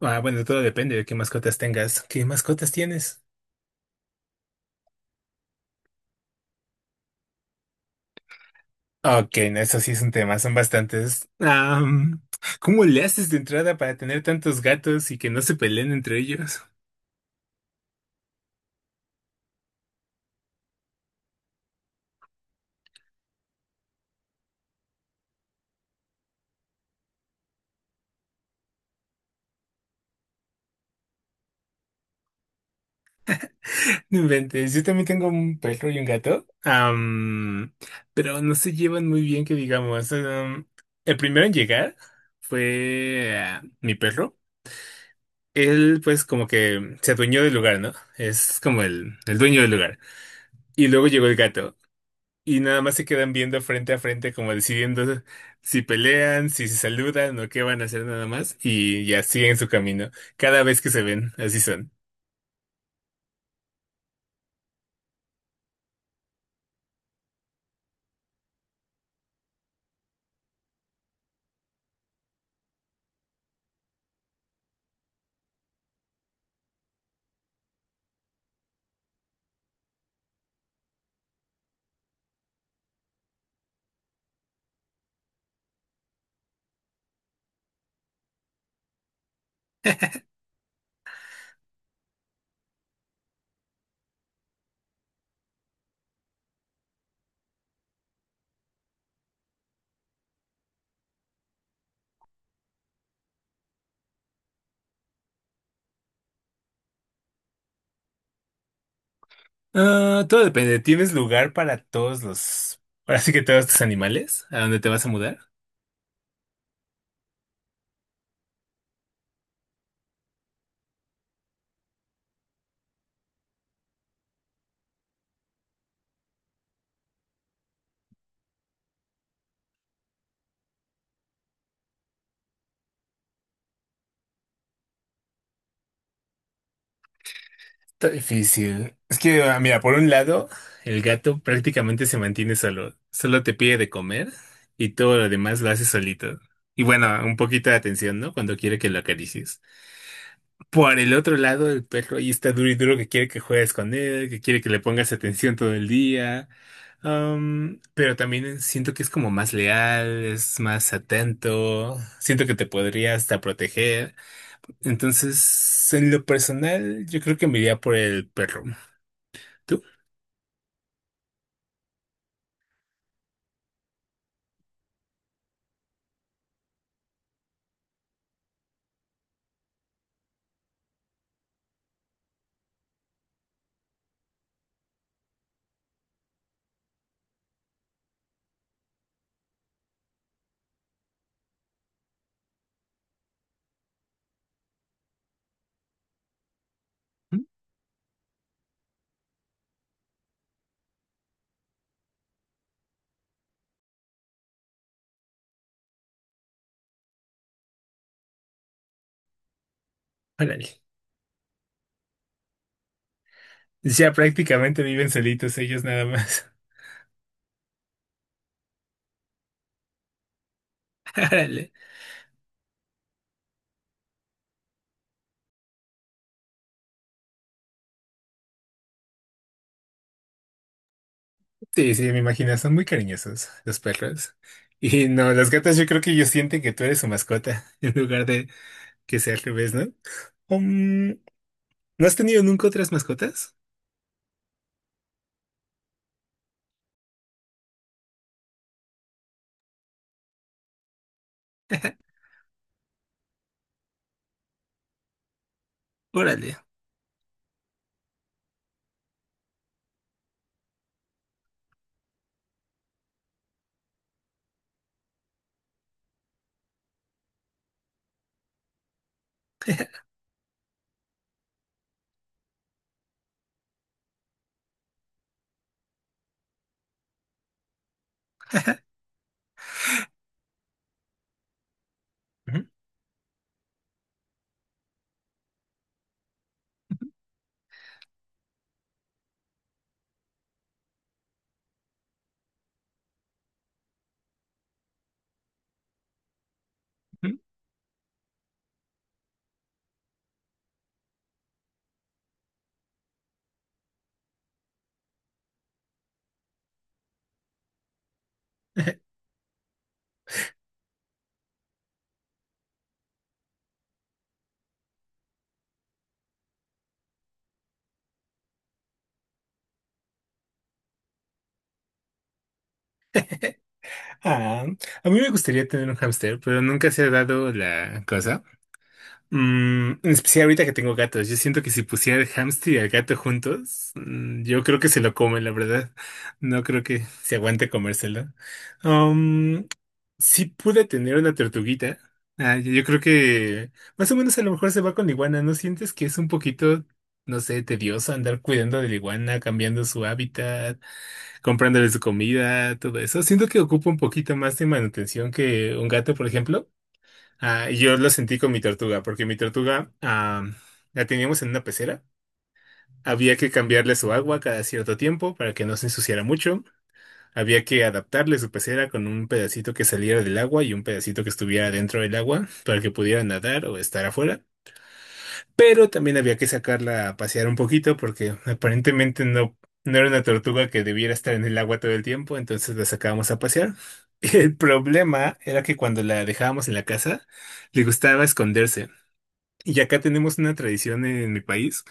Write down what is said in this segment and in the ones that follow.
Ah, bueno, todo depende de qué mascotas tengas. ¿Qué mascotas tienes? Ok, no, eso sí es un tema, son bastantes. ¿Cómo le haces de entrada para tener tantos gatos y que no se peleen entre ellos? No inventes, yo también tengo un perro y un gato, pero no se llevan muy bien, que digamos. El primero en llegar fue mi perro. Él, pues, como que se adueñó del lugar, ¿no? Es como el dueño del lugar. Y luego llegó el gato. Y nada más se quedan viendo frente a frente, como decidiendo si pelean, si se saludan o qué van a hacer nada más. Y ya siguen su camino. Cada vez que se ven, así son. Ah, todo depende. ¿Tienes lugar para todos los... ahora sí que todos tus animales? ¿A dónde te vas a mudar? Está difícil. Es que, mira, por un lado, el gato prácticamente se mantiene solo. Solo te pide de comer y todo lo demás lo hace solito. Y bueno, un poquito de atención, ¿no? Cuando quiere que lo acaricies. Por el otro lado, el perro ahí está duro y duro que quiere que juegues con él, que quiere que le pongas atención todo el día. Pero también siento que es como más leal, es más atento, siento que te podría hasta proteger. Entonces, en lo personal, yo creo que me iría por el perro. ¿Tú? Órale. Ya prácticamente viven solitos ellos nada más. Órale. Sí, sí, me imagino, son muy cariñosos los perros. Y no, los gatos yo creo que ellos sienten que tú eres su mascota en lugar de que sea al revés, ¿no? Um, ¿No has tenido nunca otras mascotas? Órale. Ujú, ujú. Ah, a mí me gustaría tener un hámster, pero nunca se ha dado la cosa. Mm, en especial ahorita que tengo gatos, yo siento que si pusiera el hámster y el gato juntos, mm, yo creo que se lo come, la verdad. No creo que se aguante comérselo. Um, sí pude tener una tortuguita. Ah, yo creo que más o menos a lo mejor se va con la iguana. ¿No sientes que es un poquito, no sé, tedioso andar cuidando de la iguana, cambiando su hábitat, comprándole su comida, todo eso? Siento que ocupa un poquito más de manutención que un gato, por ejemplo. Ah, y yo lo sentí con mi tortuga, porque mi tortuga la teníamos en una pecera. Había que cambiarle su agua cada cierto tiempo para que no se ensuciara mucho. Había que adaptarle su pecera con un pedacito que saliera del agua y un pedacito que estuviera dentro del agua para que pudiera nadar o estar afuera. Pero también había que sacarla a pasear un poquito porque aparentemente no era una tortuga que debiera estar en el agua todo el tiempo, entonces la sacábamos a pasear. El problema era que cuando la dejábamos en la casa, le gustaba esconderse. Y acá tenemos una tradición en mi país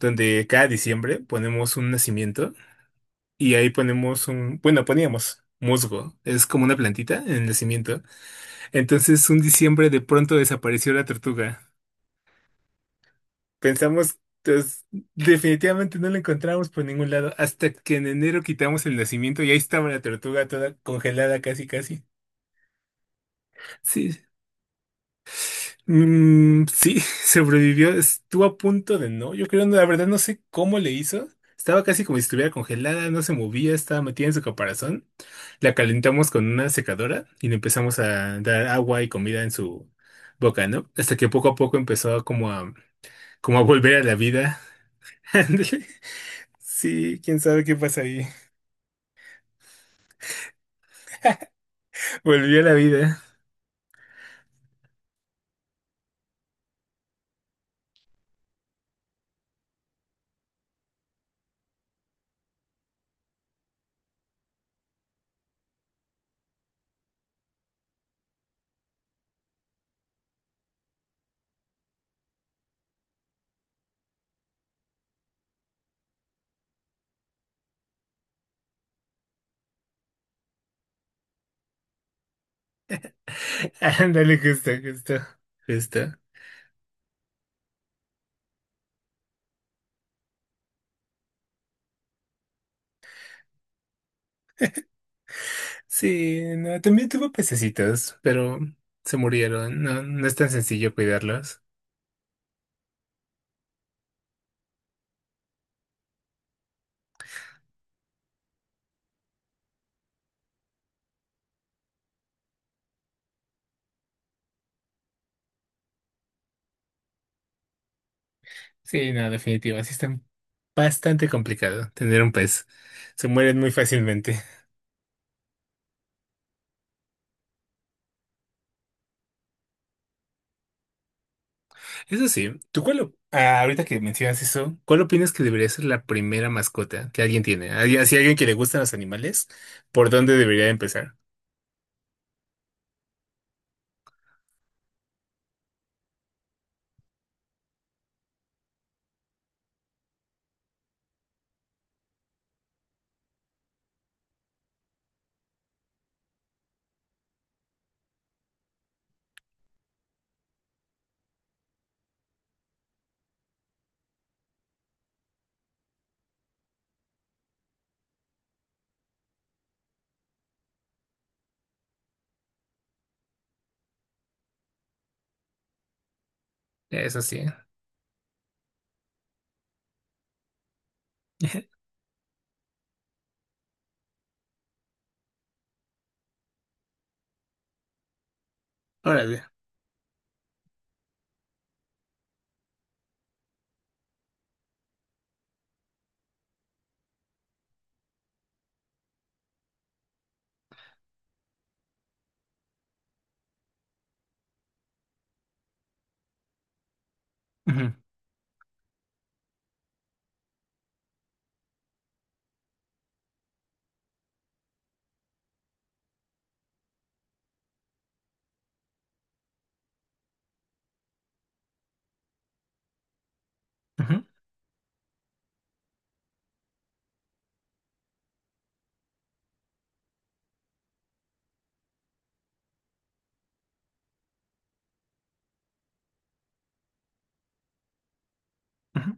donde cada diciembre ponemos un nacimiento y ahí ponemos un, bueno, poníamos musgo, es como una plantita en el nacimiento. Entonces un diciembre de pronto desapareció la tortuga. Pensamos, pues, definitivamente no la encontramos por ningún lado hasta que en enero quitamos el nacimiento y ahí estaba la tortuga toda congelada casi casi. Sí, mm, sí, sobrevivió. Estuvo a punto de no. Yo creo, la verdad, no sé cómo le hizo. Estaba casi como si estuviera congelada, no se movía, estaba metida en su caparazón. La calentamos con una secadora y le empezamos a dar agua y comida en su boca, ¿no? Hasta que poco a poco empezó a como a volver a la vida. Ándale. Sí, quién sabe qué pasa ahí. Volvió a la vida. Ándale, justo, justo, justo. Sí, no, también tuvo pececitos, pero se murieron. No, no es tan sencillo cuidarlos. Sí, no, definitivo. Sí, está bastante complicado tener un pez. Se mueren muy fácilmente. Eso sí, ¿tú cuál, ah, ahorita que mencionas eso, cuál opinas que debería ser la primera mascota que alguien tiene? Si alguien que le gustan los animales, ¿por dónde debería empezar? Eso sí. Órale. Ujú, ujú, ujú.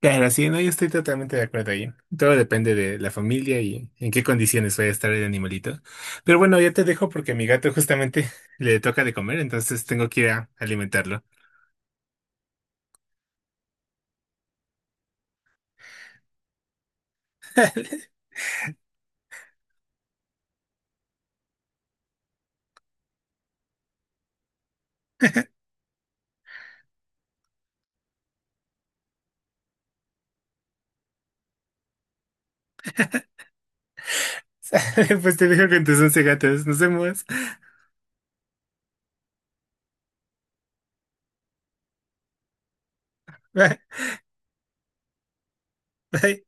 Claro, sí, no, yo estoy totalmente de acuerdo ahí. Todo depende de la familia y en qué condiciones vaya a estar el animalito. Pero bueno, ya te dejo porque a mi gato justamente le toca de comer, entonces tengo que ir a alimentarlo. Pues te dejo con tus 11 gatos. Nos vemos. Bye, bye.